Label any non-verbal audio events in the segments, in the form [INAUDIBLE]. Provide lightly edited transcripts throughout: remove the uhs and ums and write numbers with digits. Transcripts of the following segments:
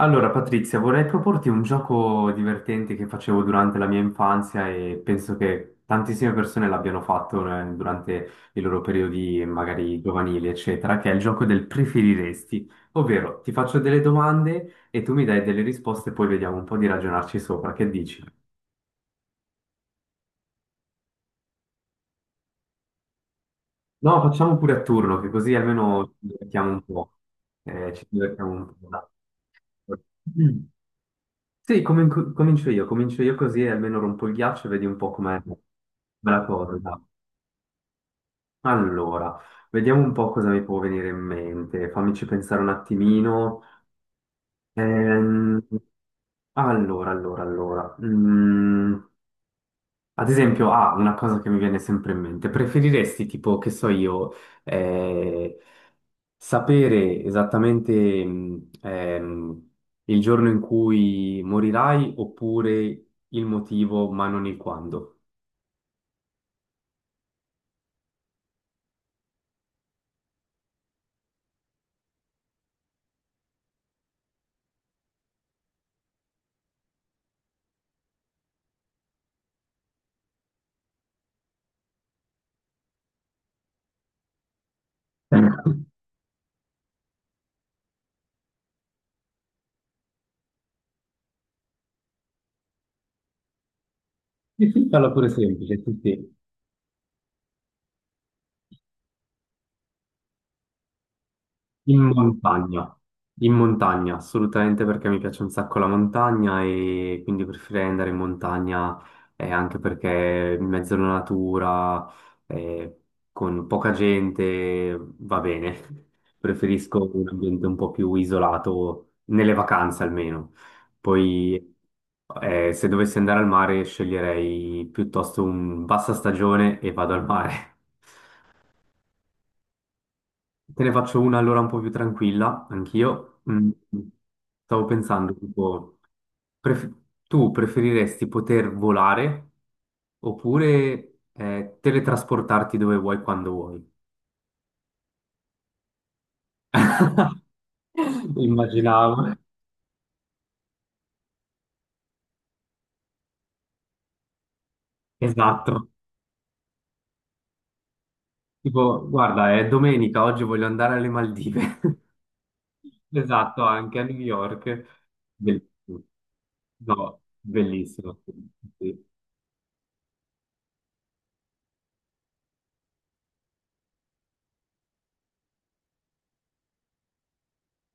Allora, Patrizia, vorrei proporti un gioco divertente che facevo durante la mia infanzia e penso che tantissime persone l'abbiano fatto, durante i loro periodi magari giovanili, eccetera, che è il gioco del preferiresti, ovvero ti faccio delle domande e tu mi dai delle risposte e poi vediamo un po' di ragionarci sopra. Che dici? No, facciamo pure a turno, che così almeno ci divertiamo un po'. Ci divertiamo un po'. Dai. Mm. Sì, comincio io così almeno rompo il ghiaccio e vedi un po' com'è la cosa. Allora, vediamo un po' cosa mi può venire in mente, fammici pensare un attimino. Ehm, allora, allora. Mm. Ad esempio, ah, una cosa che mi viene sempre in mente, preferiresti tipo, che so io, eh, sapere esattamente il giorno in cui morirai oppure il motivo, ma non il quando? [LAUGHS] Farla pure semplice, sì, sì. In montagna, in montagna, assolutamente perché mi piace un sacco la montagna e quindi preferirei andare in montagna anche perché in mezzo alla natura, eh, con poca gente, va bene. [LAUGHS] Preferisco un ambiente un po' più isolato, nelle vacanze almeno. Poi se dovessi andare al mare sceglierei piuttosto un bassa stagione e vado al mare. [LAUGHS] Te ne faccio una allora un po' più tranquilla, anch'io. Mm, stavo pensando, tipo, pref- tu preferiresti poter volare oppure teletrasportarti dove vuoi quando vuoi? [LAUGHS] Immaginavo. Esatto. Tipo, guarda, è domenica, oggi voglio andare alle Maldive. [LAUGHS] Esatto, anche a New York. Bellissimo. No, bellissimo. Sì.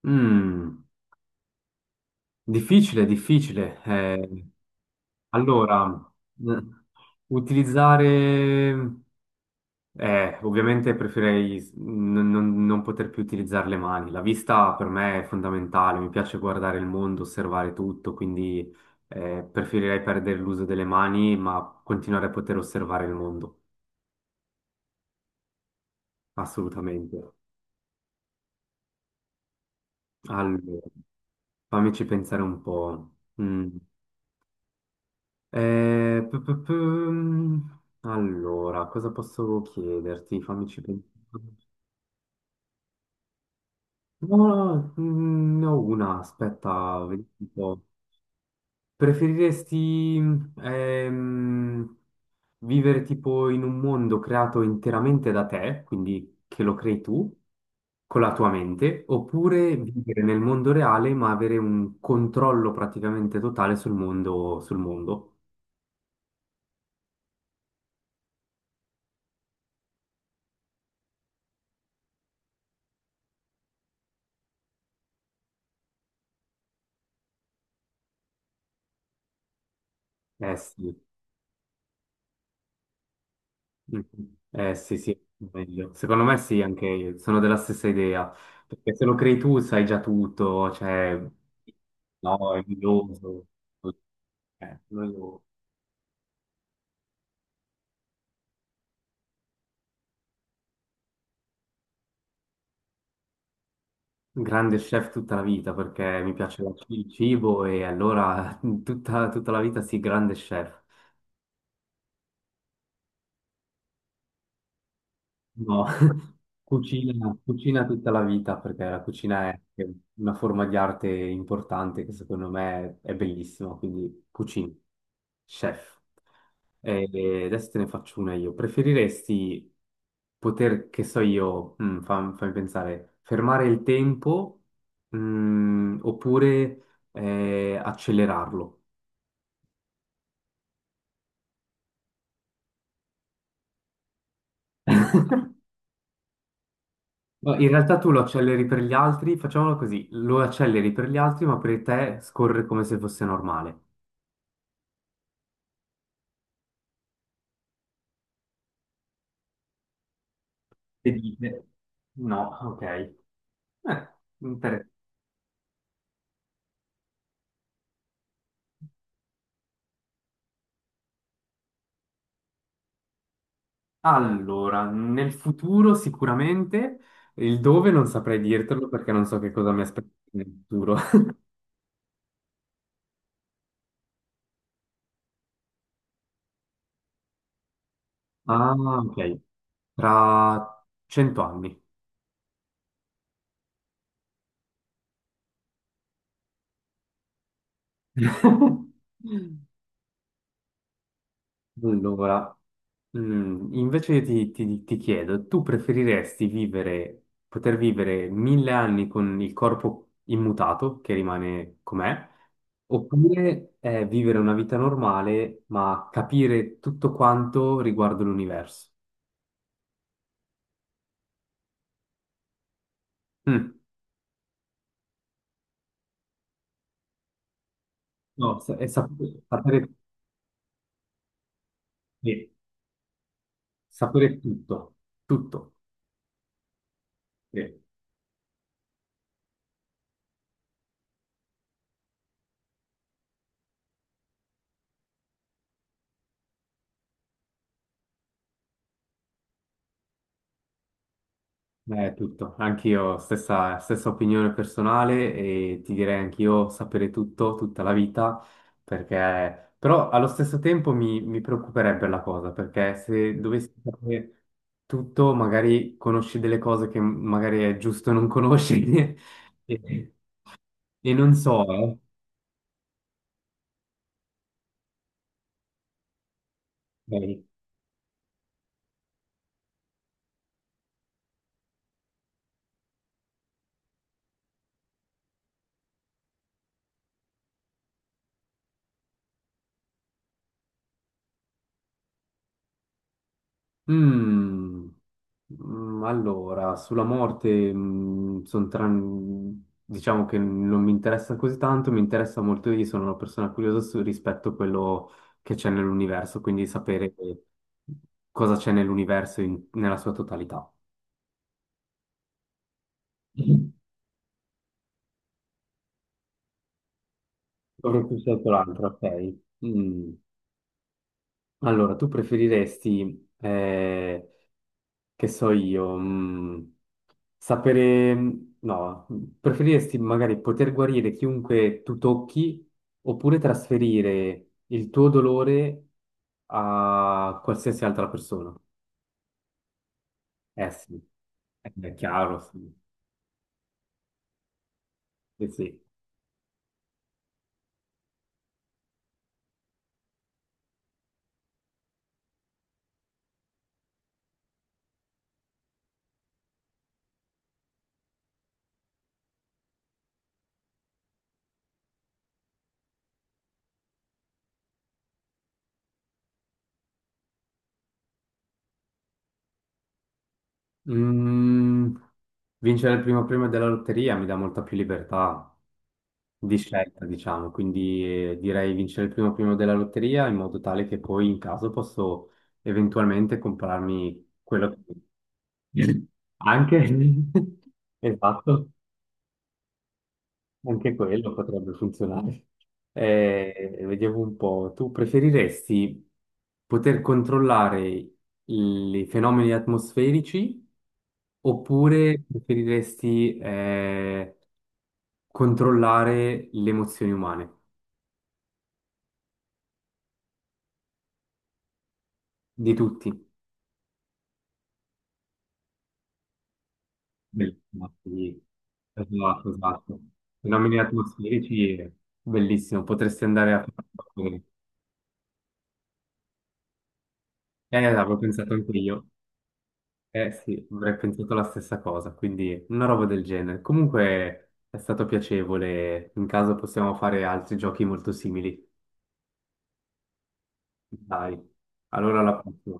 Mm, difficile, difficile. Allora, mh, utilizzare, ovviamente preferirei non poter più utilizzare le mani. La vista per me è fondamentale, mi piace guardare il mondo, osservare tutto, quindi preferirei perdere l'uso delle mani, ma continuare a poter osservare il mondo, assolutamente. Allora, fammici pensare un po'. Mm. Eh, pu- pu- pu- Allora, cosa posso chiederti? Fammici pensare. No, mm, ne ho una, aspetta, vediamo un po'. Preferiresti ehm, vivere tipo in un mondo creato interamente da te, quindi che lo crei tu con la tua mente, oppure vivere nel mondo reale ma avere un controllo praticamente totale sul mondo, sul mondo? Eh sì. Mm. Eh sì, sì, meglio. Secondo me sì, anche sono della stessa idea, perché se lo crei tu sai già tutto, cioè, no, è noioso, eh, noioso. Grande chef tutta la vita, perché mi piace il cibo e allora [LAUGHS] tutta, tutta la vita sì, grande chef. No. Cucina, cucina tutta la vita perché la cucina è una forma di arte importante che secondo me è bellissima, quindi cucina, chef. E adesso te ne faccio una io. Preferiresti poter, che so io, fammi pensare, fermare il tempo, mm, oppure accelerarlo? No, in realtà tu lo acceleri per gli altri, facciamolo così, lo acceleri per gli altri, ma per te scorre come se fosse normale. Le dite? No, ok. Inter- Allora, nel futuro sicuramente, il dove non saprei dirtelo perché non so che cosa mi aspetta nel futuro. [LAUGHS] Ah, ok. Tra 100 anni. [LAUGHS] Allora, mm, invece ti chiedo, tu preferiresti vivere, poter vivere 1000 anni con il corpo immutato, che rimane com'è, oppure vivere una vita normale ma capire tutto quanto riguardo l'universo? Mm, no, sapere, sì, sapere tutto, tutto. Sì. È tutto, anch'io stessa, stessa opinione personale e ti direi anch'io sapere tutto, tutta la vita, perché però allo stesso tempo mi preoccuperebbe la cosa, perché se dovessi sapere tutto, magari conosci delle cose che magari è giusto non conoscere [LAUGHS] e, e non so, eh. Ok. Mm, allora, sulla morte, mm, diciamo che non mi interessa così tanto, mi interessa molto, io sono una persona curiosa rispetto a quello che c'è nell'universo, quindi sapere cosa c'è nell'universo nella sua totalità. Avrei più scelto l'altro, ok. Mm. Allora, tu preferiresti che so io, mm, sapere, no, preferiresti magari poter guarire chiunque tu tocchi oppure trasferire il tuo dolore a qualsiasi altra persona? Eh sì, è chiaro, sì. Eh sì. Mm, vincere il primo premio della lotteria mi dà molta più libertà. Di scelta, diciamo, quindi direi vincere il primo primo della lotteria in modo tale che poi in caso posso eventualmente comprarmi quello che... [CLEARS THROAT] Anche... [LAUGHS] Esatto, anche quello potrebbe funzionare. Vediamo un po', tu preferiresti poter controllare i fenomeni atmosferici oppure preferiresti controllare le emozioni umane? Di tutti. Bellissimo, sì. Esatto, esatto. Fenomeni atmosferici, è bellissimo, potresti andare a fare. Avevo pensato anche io. Eh sì, avrei pensato la stessa cosa, quindi una roba del genere. Comunque è stato piacevole, in caso possiamo fare altri giochi molto simili. Dai, allora alla prossima.